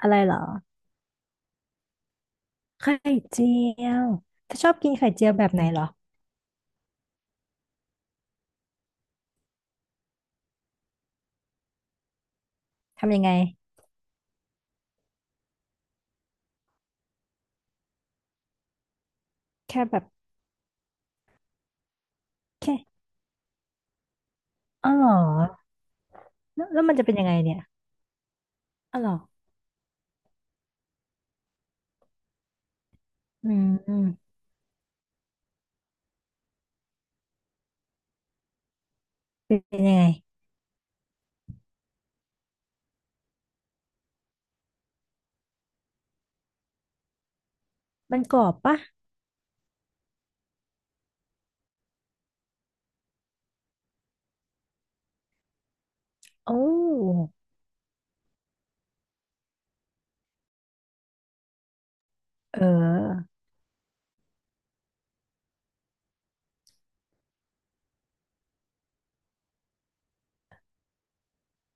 อะไรเหรอไข่เจียวเธอชอบกินไข่เจียวแบบไหนเหรอทำยังไงแค่แบบแค่อ๋อเหรอแล้วแล้วมันจะเป็นยังไงเนี่ยอ๋อเหรออืมอืมเป็นยังไงมันกรอบปะโอ้เออ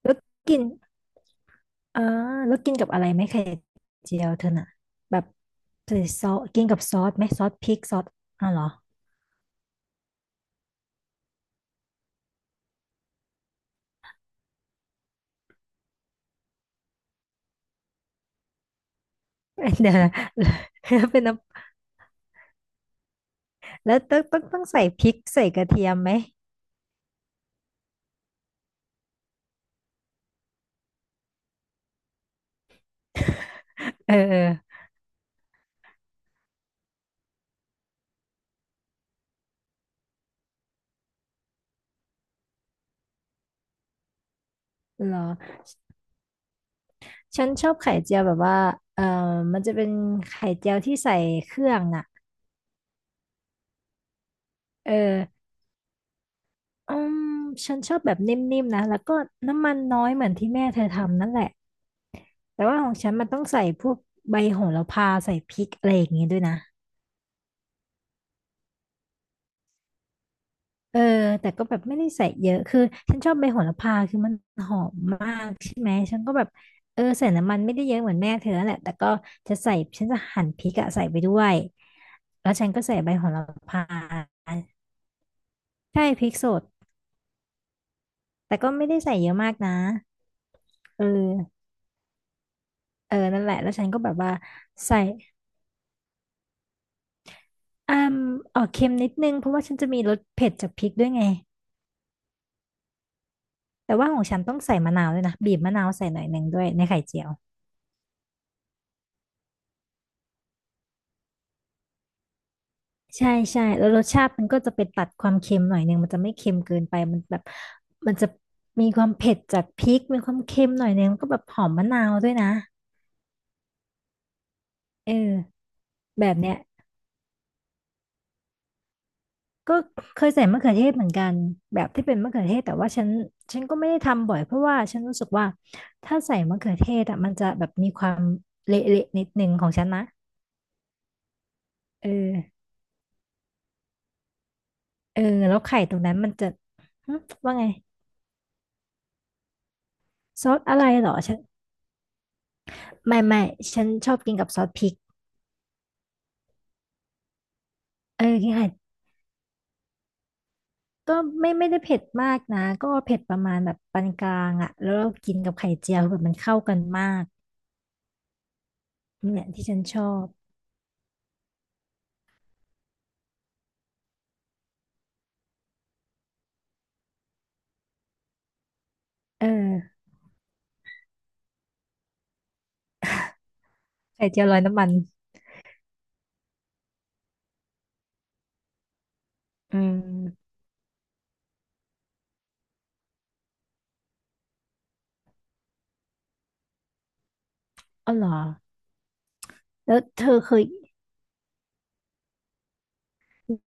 แล้วกินอ่าแล้วกินกับอะไรไหมไข่เจียวเธอน่ะแบบใส่ซอสกินกับซอสไหมซอสพริกซอสอ๋อเหรอ เดี๋ยวนะ แล้วเป็นน้ำแล้วต้องต้องต้องใส่พริกใส่กระเทียมไหมเออเออเหรอ ฉันชอบไข่เจียวแบบว่าเออมันจะเป็นไข่เจียวที่ใส่เครื่องอ่ะเอออืมฉันชอบแบบนิ่มๆนะแล้วก็น้ำมันน้อยเหมือนที่แม่เธอทำนั่นแหละแต่ว่าของฉันมันต้องใส่พวกใบโหระพาใส่พริกอะไรอย่างงี้ด้วยนะเออแต่ก็แบบไม่ได้ใส่เยอะ คือฉันชอบใบโหระพาคือมันหอมมากใช่ไหม ฉันก็แบบเออใส่น้ำมันไม่ได้เยอะเหมือนแม่เธอนั่นแหละแต่ก็จะใส่ฉันจะหั่นพริกอะใส่ไปด้วยแล้วฉันก็ใส่ใบโหระพาใช่พริกสด แต่ก็ไม่ได้ใส่เยอะมากนะ เออเออนั่นแหละแล้วฉันก็แบบว่าใส่อ่มออกเค็มนิดนึง เพราะว่าฉันจะมีรสเผ็ดจากพริกด้วยไงแต่ว่าของฉันต้องใส่มะนาวด้วยนะบีบมะนาวใส่หน่อยหนึ่งด้วยในไข่เจียวใช่ใช่แล้วรสชาติมันก็จะไปตัดความเค็มหน่อยหนึ่งมันจะไม่เค็มเกินไปมันแบบมันจะมีความเผ็ดจากพริกมีความเค็มหน่อยหนึ่งมันก็แบบหอมมะนาวด้วยนะเออแบบเนี้ย ก็เคยใส่มะเขือเทศเหมือนกันแบบที่เป็นมะเขือเทศแต่ว่าฉันก็ไม่ได้ทำบ่อยเพราะว่าฉันรู้สึกว่าถ้าใส่มะเขือเทศอ่ะมันจะแบบมีความเละๆนิดนึงของฉันนะเออเออแล้วไข่ตรงนั้นมันจะหึว่าไงซอสอะไรเหรอฉันไม่ไม่ฉันชอบกินกับซอสพริกเออกินไข่ก็ไม่ไม่ได้เผ็ดมากนะก็เผ็ดประมาณแบบปานกลางอ่ะแล้วเรากินกับไข่เจียวแบบมันเข้ากันมากนี่แหละที่ฉันชอบเออไข่เจียวลอยน้ำมันอืมอ๋อเหรอ แล้วเธอเคย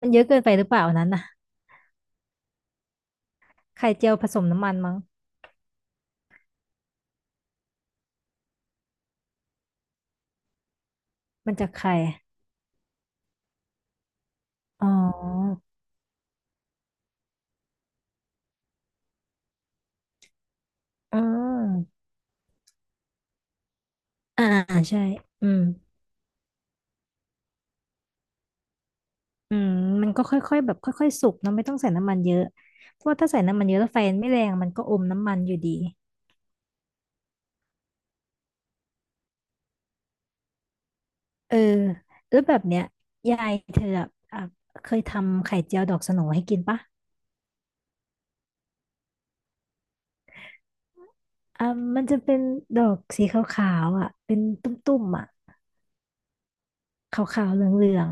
มันเยอะเกินไปหรือเปล่าอันนั้นน่ะไข่เจียวผสมน้ำมันมั้งมันจะไข่อ๋ออืมอ่าใช่อืมอืมมันก็ค่อยๆแบบค่อยๆสุกเนาะไม่ต้องใส่น้ำมันเยอะเพราะว่าถ้าใส่น้ำมันเยอะแล้วไฟมันไม่แรงมันก็อมน้ำมันอยู่ดีเออแล้วแบบเนี้ยยายเธออะอ่ะเคยทำไข่เจียวดอกสโหนให้กินปะอ่ะมันจะเป็นดอกสีขาวๆอ่ะเป็นตุ่มๆอ่ะขาวๆเหลือง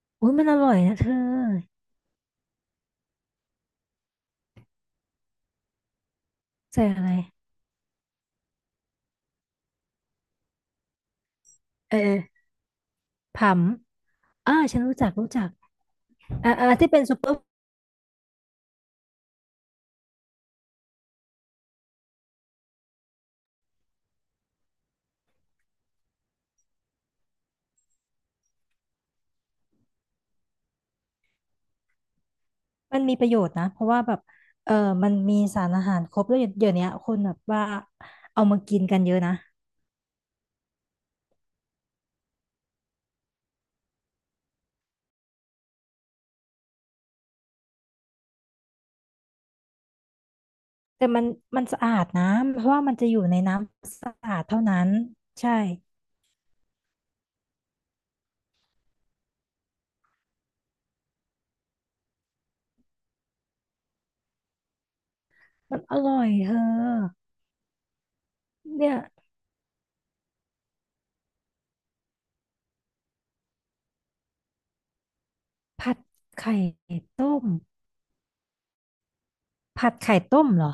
ๆอุ้ยมันอร่อยนะเธอใส่อะไรเออ ผัมอ่าฉันรู้จักรู้จักอ่าอ่าที่เป็นซูเปอร์มันมีประโยชน์นะเพราะว่าแบบเออมันมีสารอาหารครบแล้วเดี๋ยวเนี้ยคนแบบว่าเอามากินกันเยอะนะแต่มันสะอาดนะเพราะว่ามันจะอยู่ในน้ำสะอาดเท่านั้นใช่มันอร่อยเธอเนี่ยผัดไข่ต้มผัดไข่ต้มเหรอ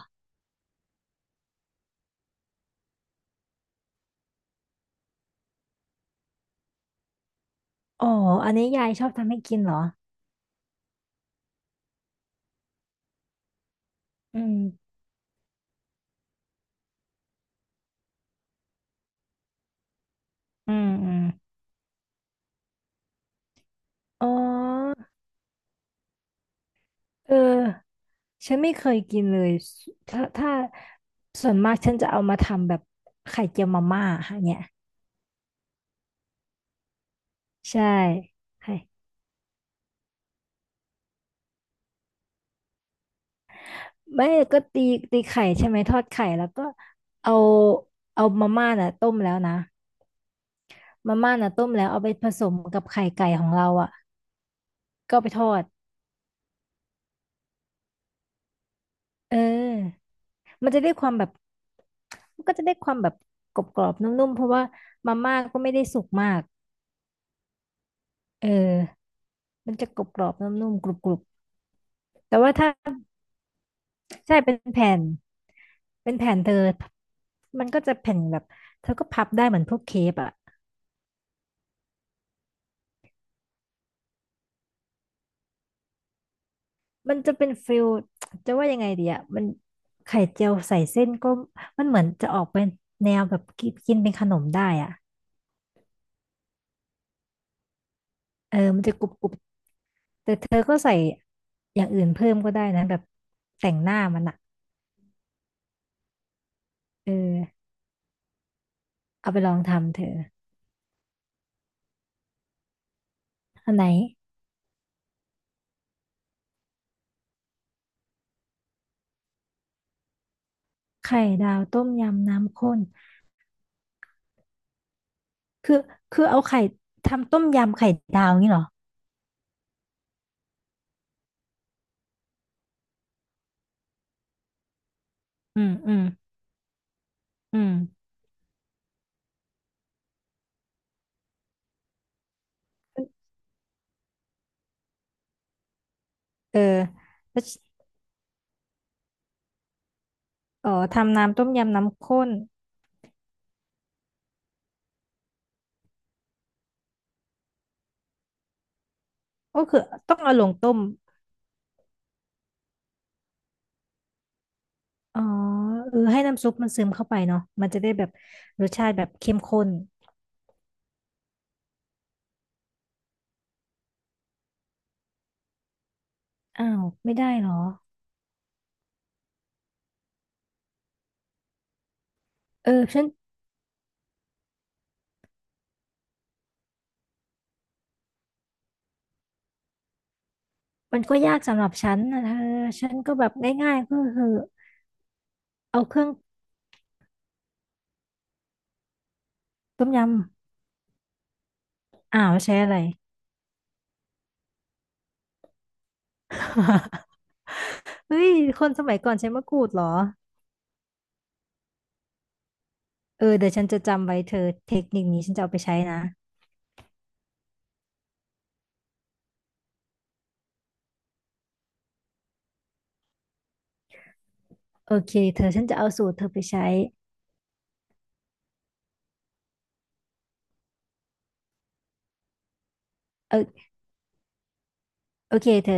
อ๋ออันนี้ยายชอบทำให้กินเหรออืมอืมอืมอ๋อ เออฉันไม่เคยกินเลยถ้าถ้าส่วนมากฉันจะเอามาทำแบบไข่เจียวมาม่าค่ะเนี่ยใช่ไข่ไม่ก็ตีไข่ใช่ไหมทอดไข่แล้วก็เอาเอามาม่าน่ะต้มแล้วนะมาม่าน่ะต้มแล้วเอาไปผสมกับไข่ไก่ของเราอ่ะก็เอาไปทอดเออมันจะได้ความแบบมันก็จะได้ความแบบกรอบๆนุ่มๆเพราะว่ามาม่าก็ไม่ได้สุกมากเออมันจะกรอบๆนุ่มๆกรุบๆแต่ว่าถ้า ใช่เป็นแผ่นเป็นแผ่นเธอมันก็จะแผ่นแบบเธอก็พับได้เหมือนพวกเค้กอ่ะมันจะเป็นฟิลจะว่ายังไงดีอ่ะมันไข่เจียวใส่เส้นก็มันเหมือนจะออกเป็นแนวแบบกินกินเป็นขนมได้อ่ะเออมันจะกรุบกรุบแต่เธอก็ใส่อย่างอื่นเพิ่มก็ได้นะแบบแต่งหน้ามันอ่ะเออเอาไปลองทำเธออันไหนไข่ดาวต้มยำน้ำข้นคือคือเอาไข่ทำต้มยำไข่ดาวงี้เหรออืมอืมอืม เออแล้วเออทำน้ำต้มยำน้ำข้นก็คือต้องเอาลงต้มอ๋อเออให้น้ำซุปมันซึมเข้าไปเนาะมันจะได้แบบรสชาติแบบเข้มข้นอ้าวไม่ได้เหรอเออฉันมันก็ยากสำหรับฉันนะเธอฉันก็แบบง่ายๆก็คือเอาเครื่องต้มยำอ้าวใช้อะไร เฮ้ยคนสมัยก่อนใช้มะกรูดเหรอเออเดี๋ยวฉันจะจำไว้เธอเทคนิคนี้ฉันจะเอาไปใช้นะโอเคเธอฉันจะเอาสูตรเธอไปใช้เออโอเคเธอ